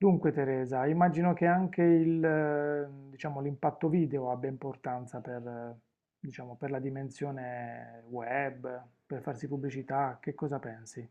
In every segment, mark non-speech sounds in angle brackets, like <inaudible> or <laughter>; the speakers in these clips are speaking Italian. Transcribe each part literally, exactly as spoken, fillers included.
Dunque Teresa, immagino che anche il, eh, diciamo, l'impatto video abbia importanza per, eh, diciamo, per la dimensione web, per farsi pubblicità, che cosa pensi?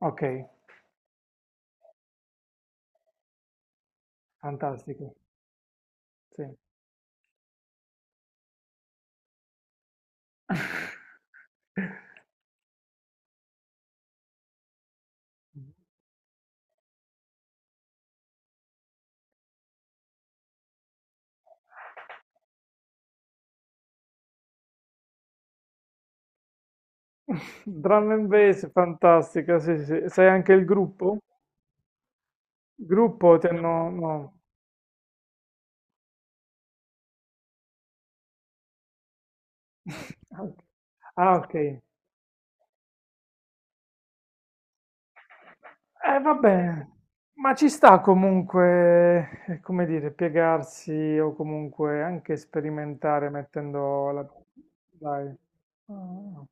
Ok, fantastico, sì. <laughs> Drum and Bass, fantastica, sì, sì. Sì. Sai anche il gruppo? Gruppo ti hanno... No. <laughs> Ah, ok. Eh, va bene, ma ci sta comunque, eh, come dire, piegarsi o comunque anche sperimentare mettendo la... Dai. Ah.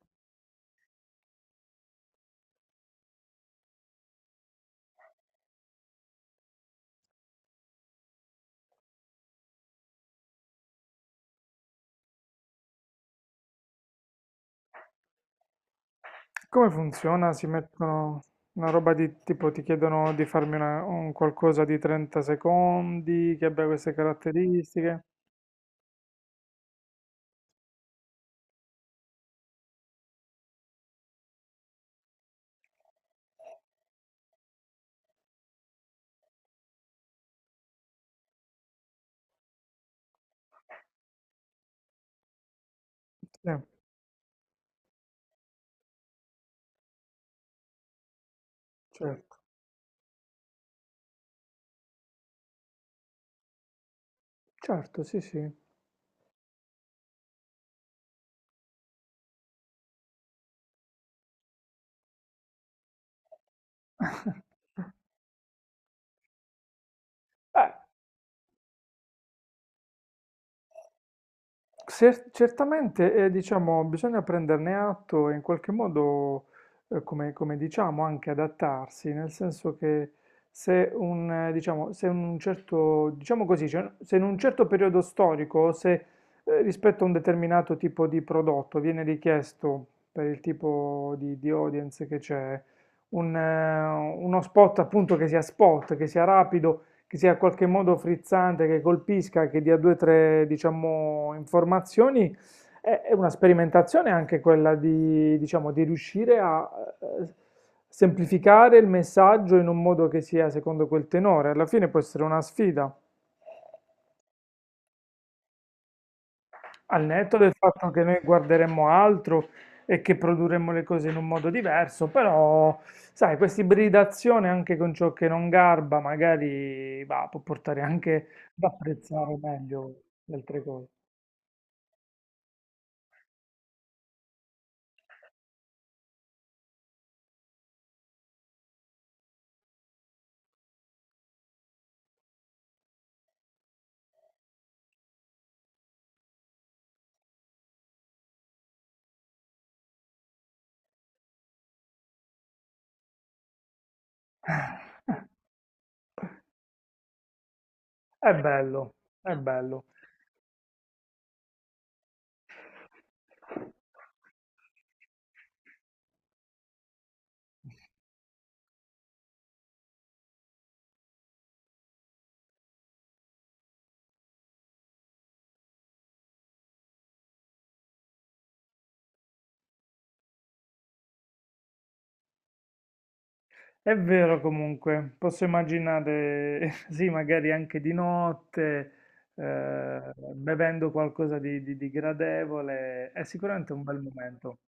Come funziona? Si mettono una roba di tipo, ti chiedono di farmi una- un qualcosa di trenta secondi, che abbia queste caratteristiche. Sì, certo, certo, sì, sì. Eh, Cer- certamente, eh, diciamo, bisogna prenderne atto e in qualche modo, eh, come, come diciamo, anche adattarsi, nel senso che se un, eh, diciamo, se un certo, diciamo così, cioè, se in un certo periodo storico, o se eh, rispetto a un determinato tipo di prodotto viene richiesto per il tipo di, di audience che c'è, un, eh, uno spot appunto che sia spot, che sia rapido, che sia in qualche modo frizzante, che colpisca, che dia due o tre, diciamo, informazioni, è, è una sperimentazione anche quella di, diciamo, di riuscire a eh, semplificare il messaggio in un modo che sia secondo quel tenore. Alla fine può essere una sfida. Al netto del fatto che noi guarderemmo altro e che produrremmo le cose in un modo diverso, però, sai, questa ibridazione anche con ciò che non garba, magari va, può portare anche ad apprezzare meglio le altre cose. È bello, è bello. È vero comunque, posso immaginare, <laughs> sì, magari anche di notte, eh, bevendo qualcosa di, di- di gradevole, è sicuramente un bel momento,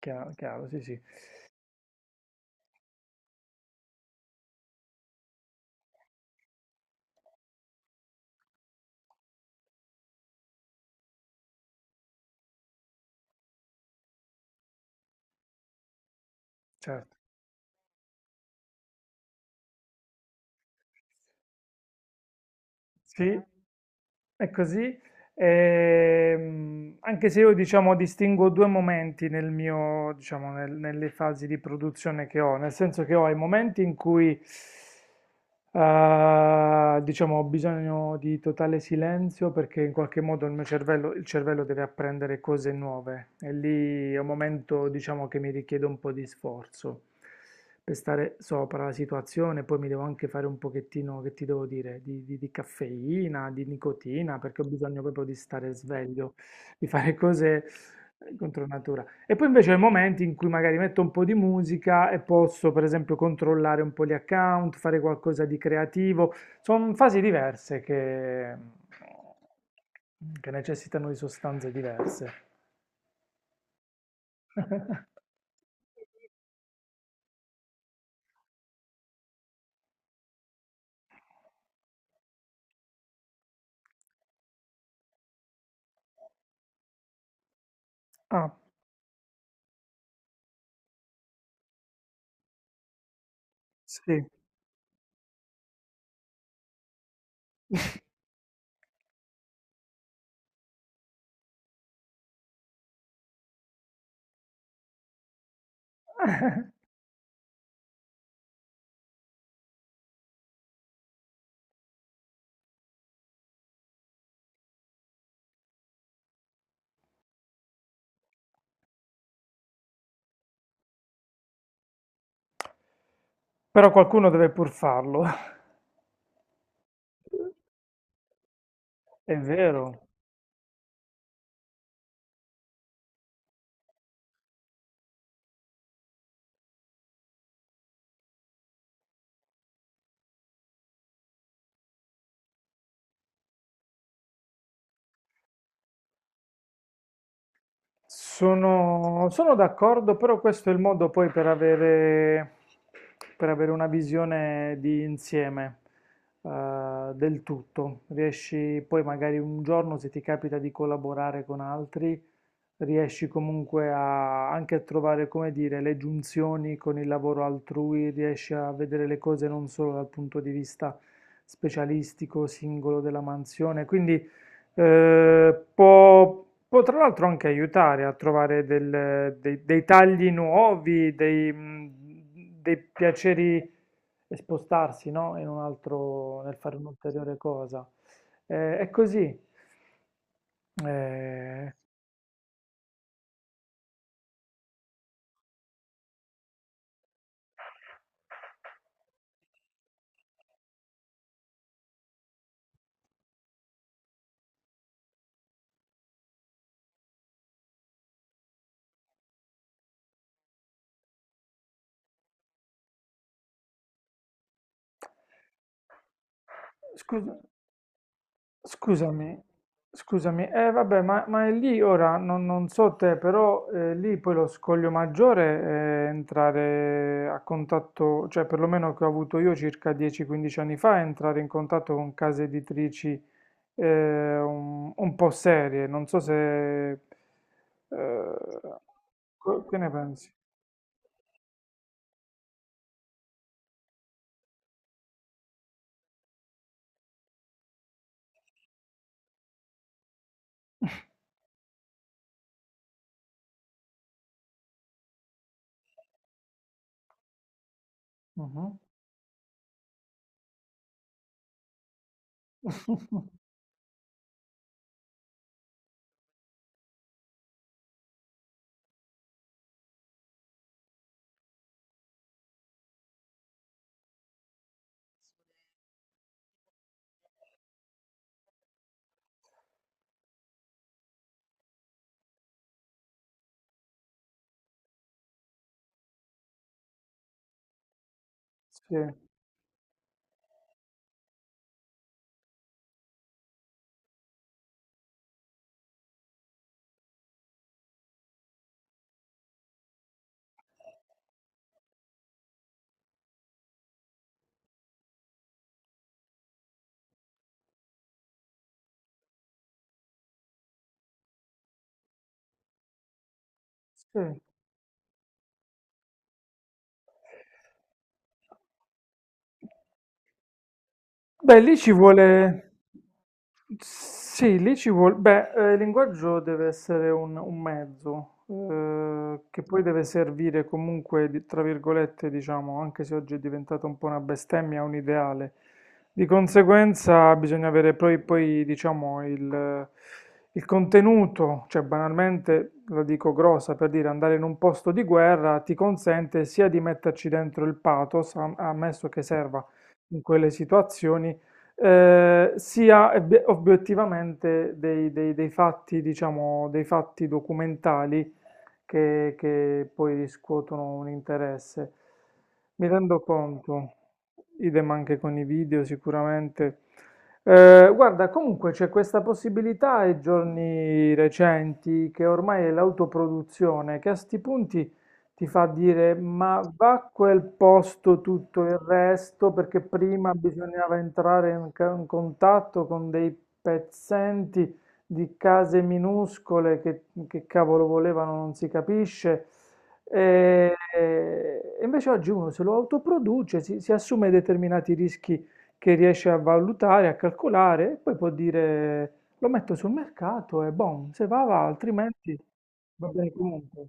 chiaro, chiaro, sì, sì, certo. Sì, è così, ehm, anche se io diciamo distingo due momenti nel mio, diciamo, nel- nelle fasi di produzione che ho, nel senso che ho i momenti in cui eh, diciamo, ho bisogno di totale silenzio perché in qualche modo il mio cervello, il cervello deve apprendere cose nuove e lì è un momento diciamo, che mi richiede un po' di sforzo per stare sopra la situazione, poi mi devo anche fare un pochettino, che ti devo dire, di, di- di caffeina, di nicotina, perché ho bisogno proprio di stare sveglio, di fare cose eh, contro natura. E poi invece ho i momenti in cui magari metto un po' di musica e posso, per esempio, controllare un po' gli account, fare qualcosa di creativo. Sono fasi diverse che, che necessitano di sostanze diverse. <laughs> Ah, sì. <laughs> Però qualcuno deve pur farlo. È vero, sono, sono d'accordo, però questo è il modo poi per avere, per avere una visione di insieme eh, del tutto. Riesci poi magari un giorno, se ti capita di collaborare con altri, riesci comunque a, anche a trovare, come dire, le giunzioni con il lavoro altrui, riesci a vedere le cose non solo dal punto di vista specialistico, singolo della mansione, quindi eh, può, può tra l'altro anche aiutare a trovare del- dei, dei tagli nuovi, dei, mm, dei piaceri e spostarsi, no? In un altro, nel fare un'ulteriore cosa. Eh, è così. Eh, scusa. Scusami, scusami, eh vabbè, ma, ma è lì ora, non, non so te, però eh, lì poi lo scoglio maggiore è entrare a contatto, cioè perlomeno che ho avuto io circa dieci quindici anni fa, è entrare in contatto con case editrici eh, un, un po' serie, non so se... eh, co- che ne pensi? Mhm. <laughs> Sì, sì. Beh, lì ci vuole... Sì, lì ci vuole... Beh, eh, il linguaggio deve essere un, un mezzo, eh, che poi deve servire comunque, di- tra virgolette, diciamo, anche se oggi è diventata un po' una bestemmia, un ideale. Di conseguenza bisogna avere poi, poi diciamo, il, il contenuto, cioè banalmente, la dico grossa, per dire andare in un posto di guerra ti consente sia di metterci dentro il pathos, am- ammesso che serva in quelle situazioni, eh, sia ebbe- obiettivamente dei, dei- dei fatti, diciamo, dei fatti documentali che, che poi riscuotono un interesse. Mi rendo conto, idem anche con i video sicuramente. Eh, guarda, comunque c'è questa possibilità ai giorni recenti che ormai è l'autoproduzione, che a sti punti ti fa dire ma va a quel posto tutto il resto perché prima bisognava entrare in, ca- in contatto con dei pezzenti di case minuscole che, che cavolo volevano, non si capisce. E, e invece oggi uno se lo autoproduce, si, si assume determinati rischi che riesce a valutare, a calcolare, e poi può dire lo metto sul mercato e boom, se va va, altrimenti va bene comunque.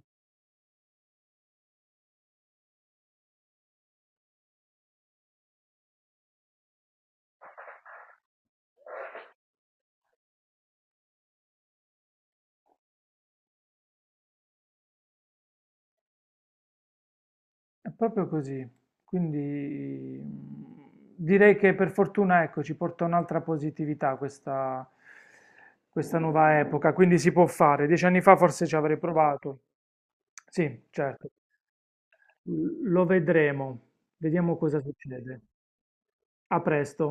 È proprio così, quindi mm, direi che per fortuna ecco, ci porta un'altra positività questa, questa, nuova epoca, quindi si può fare. Dieci anni fa forse ci avrei provato. Sì, certo, L- lo vedremo, vediamo cosa succede. A presto.